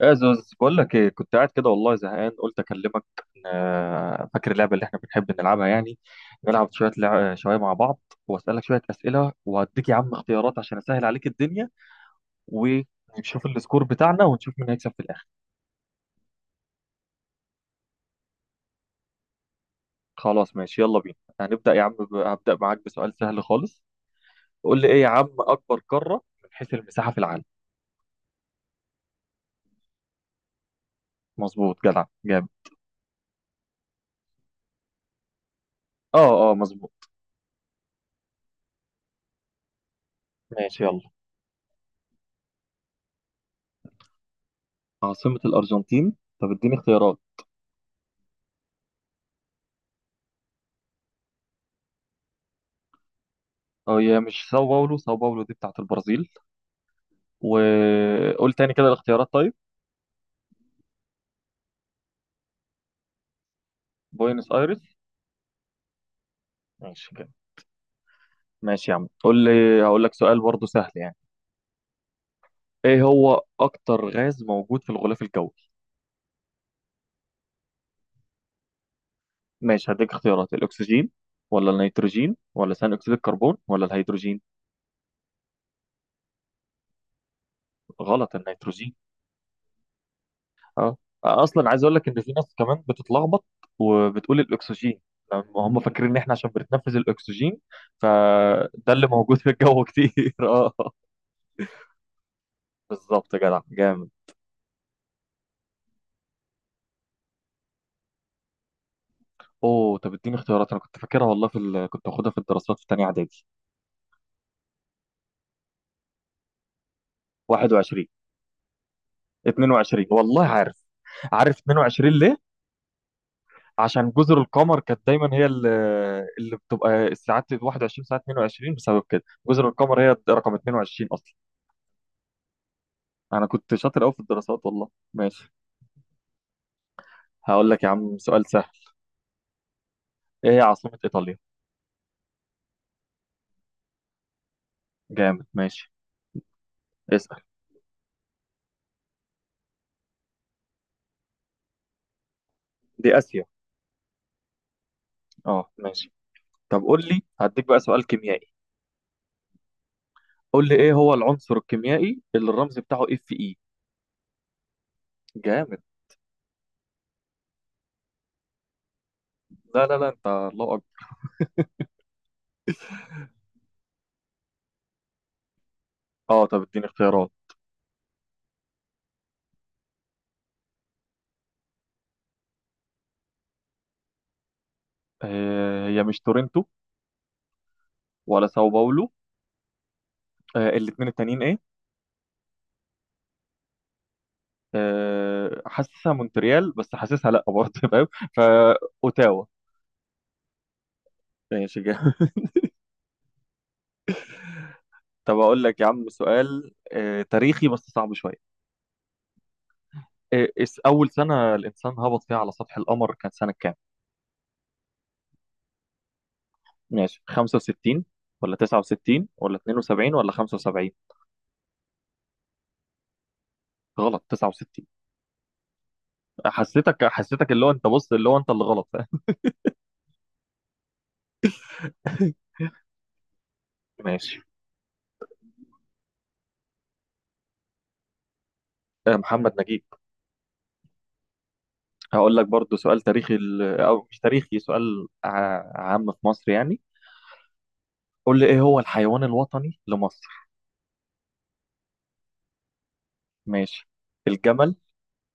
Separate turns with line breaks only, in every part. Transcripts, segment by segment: يا زوز بقول لك ايه، كنت قاعد كده والله زهقان قلت اكلمك. فاكر اللعبه اللي احنا بنحب نلعبها يعني. نلعب شويه مع بعض، واسالك شويه اسئله وهديك يا عم اختيارات عشان اسهل عليك الدنيا، ونشوف السكور بتاعنا ونشوف مين هيكسب في الاخر. خلاص ماشي يلا بينا، هنبدا يا عم، هبدا معاك بسؤال سهل خالص. قول لي ايه يا عم اكبر قاره من حيث المساحه في العالم؟ مظبوط جدع جامد. اه اه مظبوط. ماشي يلا. عاصمه الارجنتين، طب اديني اختيارات. اه هي مش ساو باولو، ساو باولو دي بتاعت البرازيل. وقول تاني كده الاختيارات طيب. بوينس ايرس. ماشي كده. ماشي يا عم قول لي. هقول لك سؤال برضه سهل يعني. ايه هو اكتر غاز موجود في الغلاف الجوي؟ ماشي هديك اختيارات، الاكسجين ولا النيتروجين ولا ثاني اكسيد الكربون ولا الهيدروجين؟ غلط، النيتروجين. اه. اصلا عايز اقول لك ان في ناس كمان بتتلخبط وبتقول الاكسجين، لما هم فاكرين ان احنا عشان بنتنفس الاكسجين فده اللي موجود في الجو كتير. اه. بالظبط يا جدع جامد. اوه طب اديني اختيارات، انا كنت فاكرها والله، كنت واخدها في الدراسات في تانية اعدادي. 21. 22 والله عارف. عارف 22 ليه؟ عشان جزر القمر كانت دايما هي اللي بتبقى الساعات 21 ساعه 22 بسبب كده. جزر القمر هي رقم 22 اصلا. انا كنت شاطر قوي في الدراسات والله. ماشي، هقول لك يا عم سؤال سهل. ايه هي عاصمة ايطاليا؟ جامد ماشي. اسأل. دي اسيا. اه ماشي. طب قول لي، هديك بقى سؤال كيميائي. قول لي ايه هو العنصر الكيميائي اللي الرمز بتاعه اف اي؟ جامد. لا لا لا، انت الله اكبر. اه طب اديني اختيارات. هي مش تورنتو ولا ساو باولو. الاتنين التانيين ايه؟ حاسسها مونتريال بس حاسسها لا برضه، فاهم، فا اوتاوا. ماشي جامد. طب اقول لك يا عم سؤال تاريخي بس صعب شويه. اول سنه الانسان هبط فيها على سطح القمر كانت سنه كام؟ ماشي، 65 ولا 69 ولا 72 ولا 75؟ غلط، 69. حسيتك حسيتك، اللي هو انت بص، اللي هو انت اللي غلط، فاهم. ماشي. محمد نجيب. هقول لك برضو سؤال تاريخي، او مش تاريخي، سؤال عام في مصر يعني. قول لي ايه هو الحيوان الوطني لمصر؟ ماشي، الجمل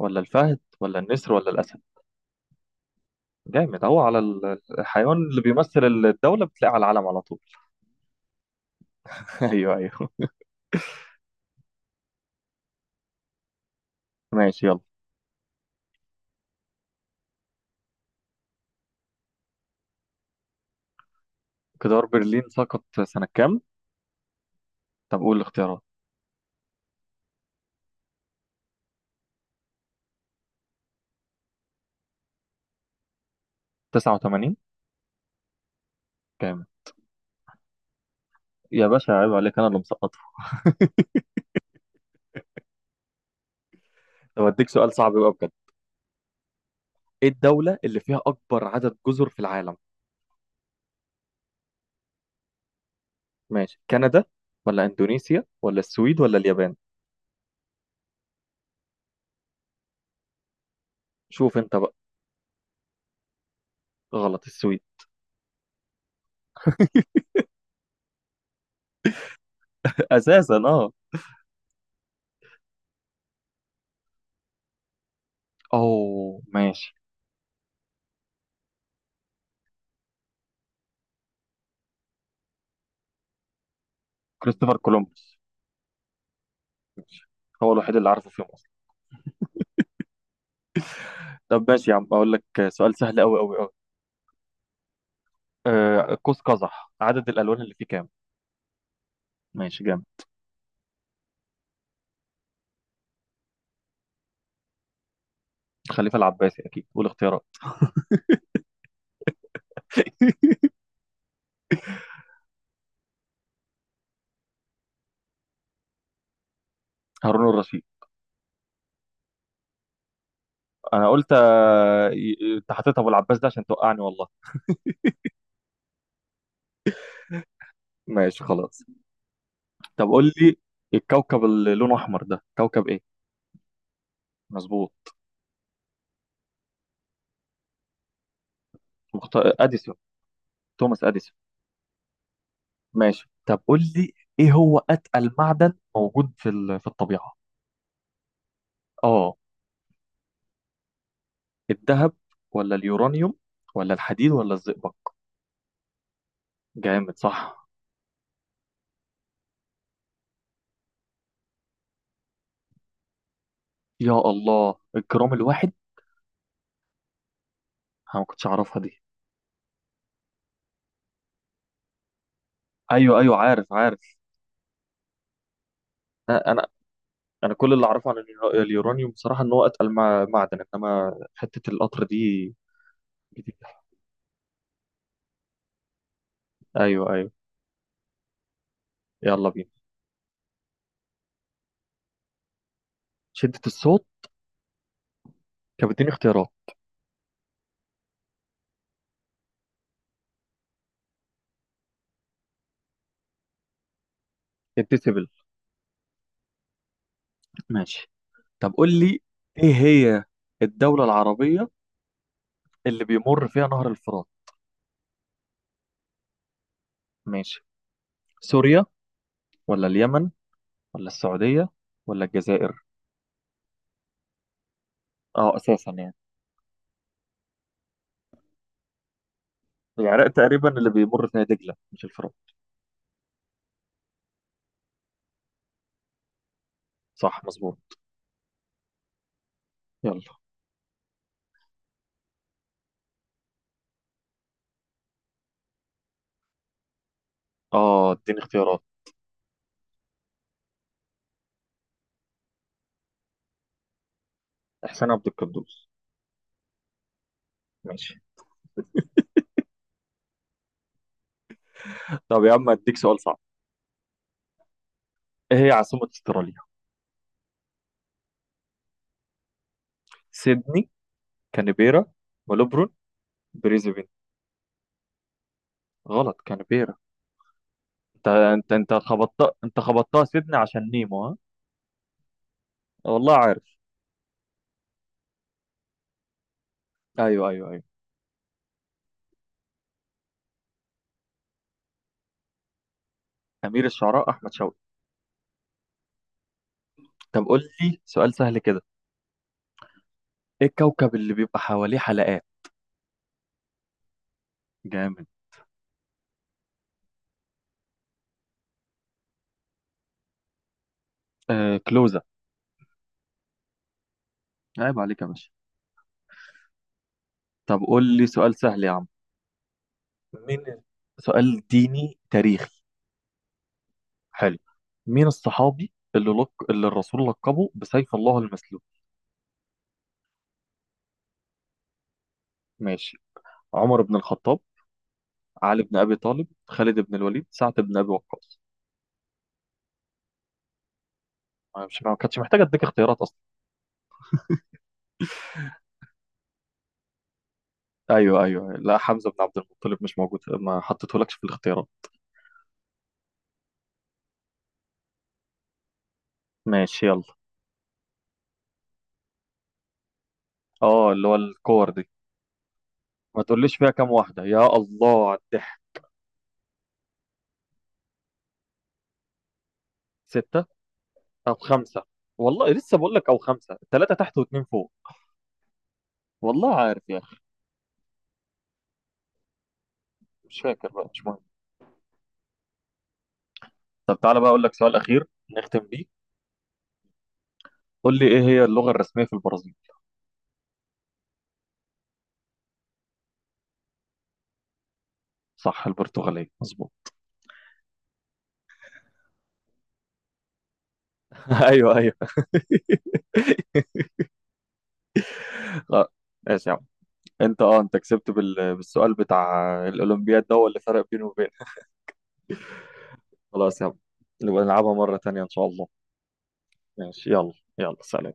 ولا الفهد ولا النسر ولا الاسد؟ جامد اهو، على الحيوان اللي بيمثل الدولة بتلاقيه على العلم على طول. ايوه ايوه. ماشي يلا. جدار برلين سقط سنة كام؟ طب قول الاختيارات. 89. جامد. يا باشا عيب عليك، انا اللي مسقطها. طب اديك سؤال صعب بقى بجد. ايه الدولة اللي فيها اكبر عدد جزر في العالم؟ ماشي، كندا ولا اندونيسيا ولا السويد ولا اليابان؟ شوف انت بقى. غلط، السويد. اساسا اه. اوه ماشي. كريستوفر كولومبوس هو الوحيد اللي عارفه فيهم اصلا. طب ماشي يا عم اقول لك سؤال سهل قوي قوي قوي. آه قوس قزح، عدد الالوان اللي فيه كام؟ ماشي جامد. الخليفه العباسي اكيد، والاختيارات؟ هارون الرشيد. انا قلت، انت حطيت ابو العباس ده عشان توقعني والله. ماشي خلاص. طب قول لي، الكوكب اللي لونه احمر ده كوكب ايه؟ مظبوط. اديسون، توماس اديسون. ماشي، طب قول لي ايه هو اتقل معدن موجود في الطبيعه. اه. الذهب ولا اليورانيوم ولا الحديد ولا الزئبق؟ جامد صح. يا الله الجرام الواحد. انا ما كنتش اعرفها دي. ايوه ايوه، عارف عارف. انا انا أنا كل اللي اعرفه عن اليورانيوم بصراحه ان هو اتقل معدن، انما حته القطر دي جديدة. ايوه ايوه. يلا بينا. شده الصوت. كانت بتديني اختيارات. الديسيبل. ماشي. طب قول لي، ايه هي الدوله العربيه اللي بيمر فيها نهر الفرات؟ ماشي، سوريا ولا اليمن ولا السعودية ولا الجزائر؟ اه اساسا يعني. العراق تقريبا اللي بيمر فيها دجلة مش الفرات. صح مظبوط. يلا. اه اديني اختيارات. احسان عبد القدوس. ماشي. طب يا عم اديك سؤال صعب. ايه هي عاصمة استراليا؟ سيدني، كانبيرا، ملبورن، بريزبين. غلط، كانبيرا. انت خبطتها، انت خبطتها سيدني عشان نيمو ها. والله عارف. ايوه ايوه ايوه. امير الشعراء احمد شوقي. طب قول لي سؤال سهل كده. ايه الكوكب اللي بيبقى حواليه حلقات؟ جامد. آه كلوزة. عيب عليك يا باشا. طب قول لي سؤال سهل يا عم. مين ال- سؤال ديني تاريخي. حلو. مين الصحابي اللي الرسول لقبه بسيف الله المسلول؟ ماشي، عمر بن الخطاب، علي بن ابي طالب، خالد بن الوليد، سعد بن ابي وقاص. أنا مش ما كانتش محتاجه اديك اختيارات اصلا. ايوه ايوه، لا، حمزه بن عبد المطلب مش موجود، ما حطيتهولكش في الاختيارات. ماشي يلا. اه اللي هو الكور دي. ما تقوليش فيها كام واحده، يا الله على الضحك. ستة. أو خمسة. والله لسه بقول لك أو خمسة، ثلاثة تحت واتنين فوق. والله عارف يا أخي. مش فاكر بقى، مش مهم. طب تعالى بقى أقول لك سؤال أخير نختم بيه. قول لي إيه هي اللغة الرسمية في البرازيل؟ صح، البرتغالية مظبوط. أيوه أيوه. آه، ماشي يا عم. أنت أنت كسبت بالسؤال بتاع الأولمبياد، ده هو اللي فرق بيني وبينك. خلاص يا عم، نبقى نلعبها مرة تانية إن شاء الله. ماشي يلا يلا سلام.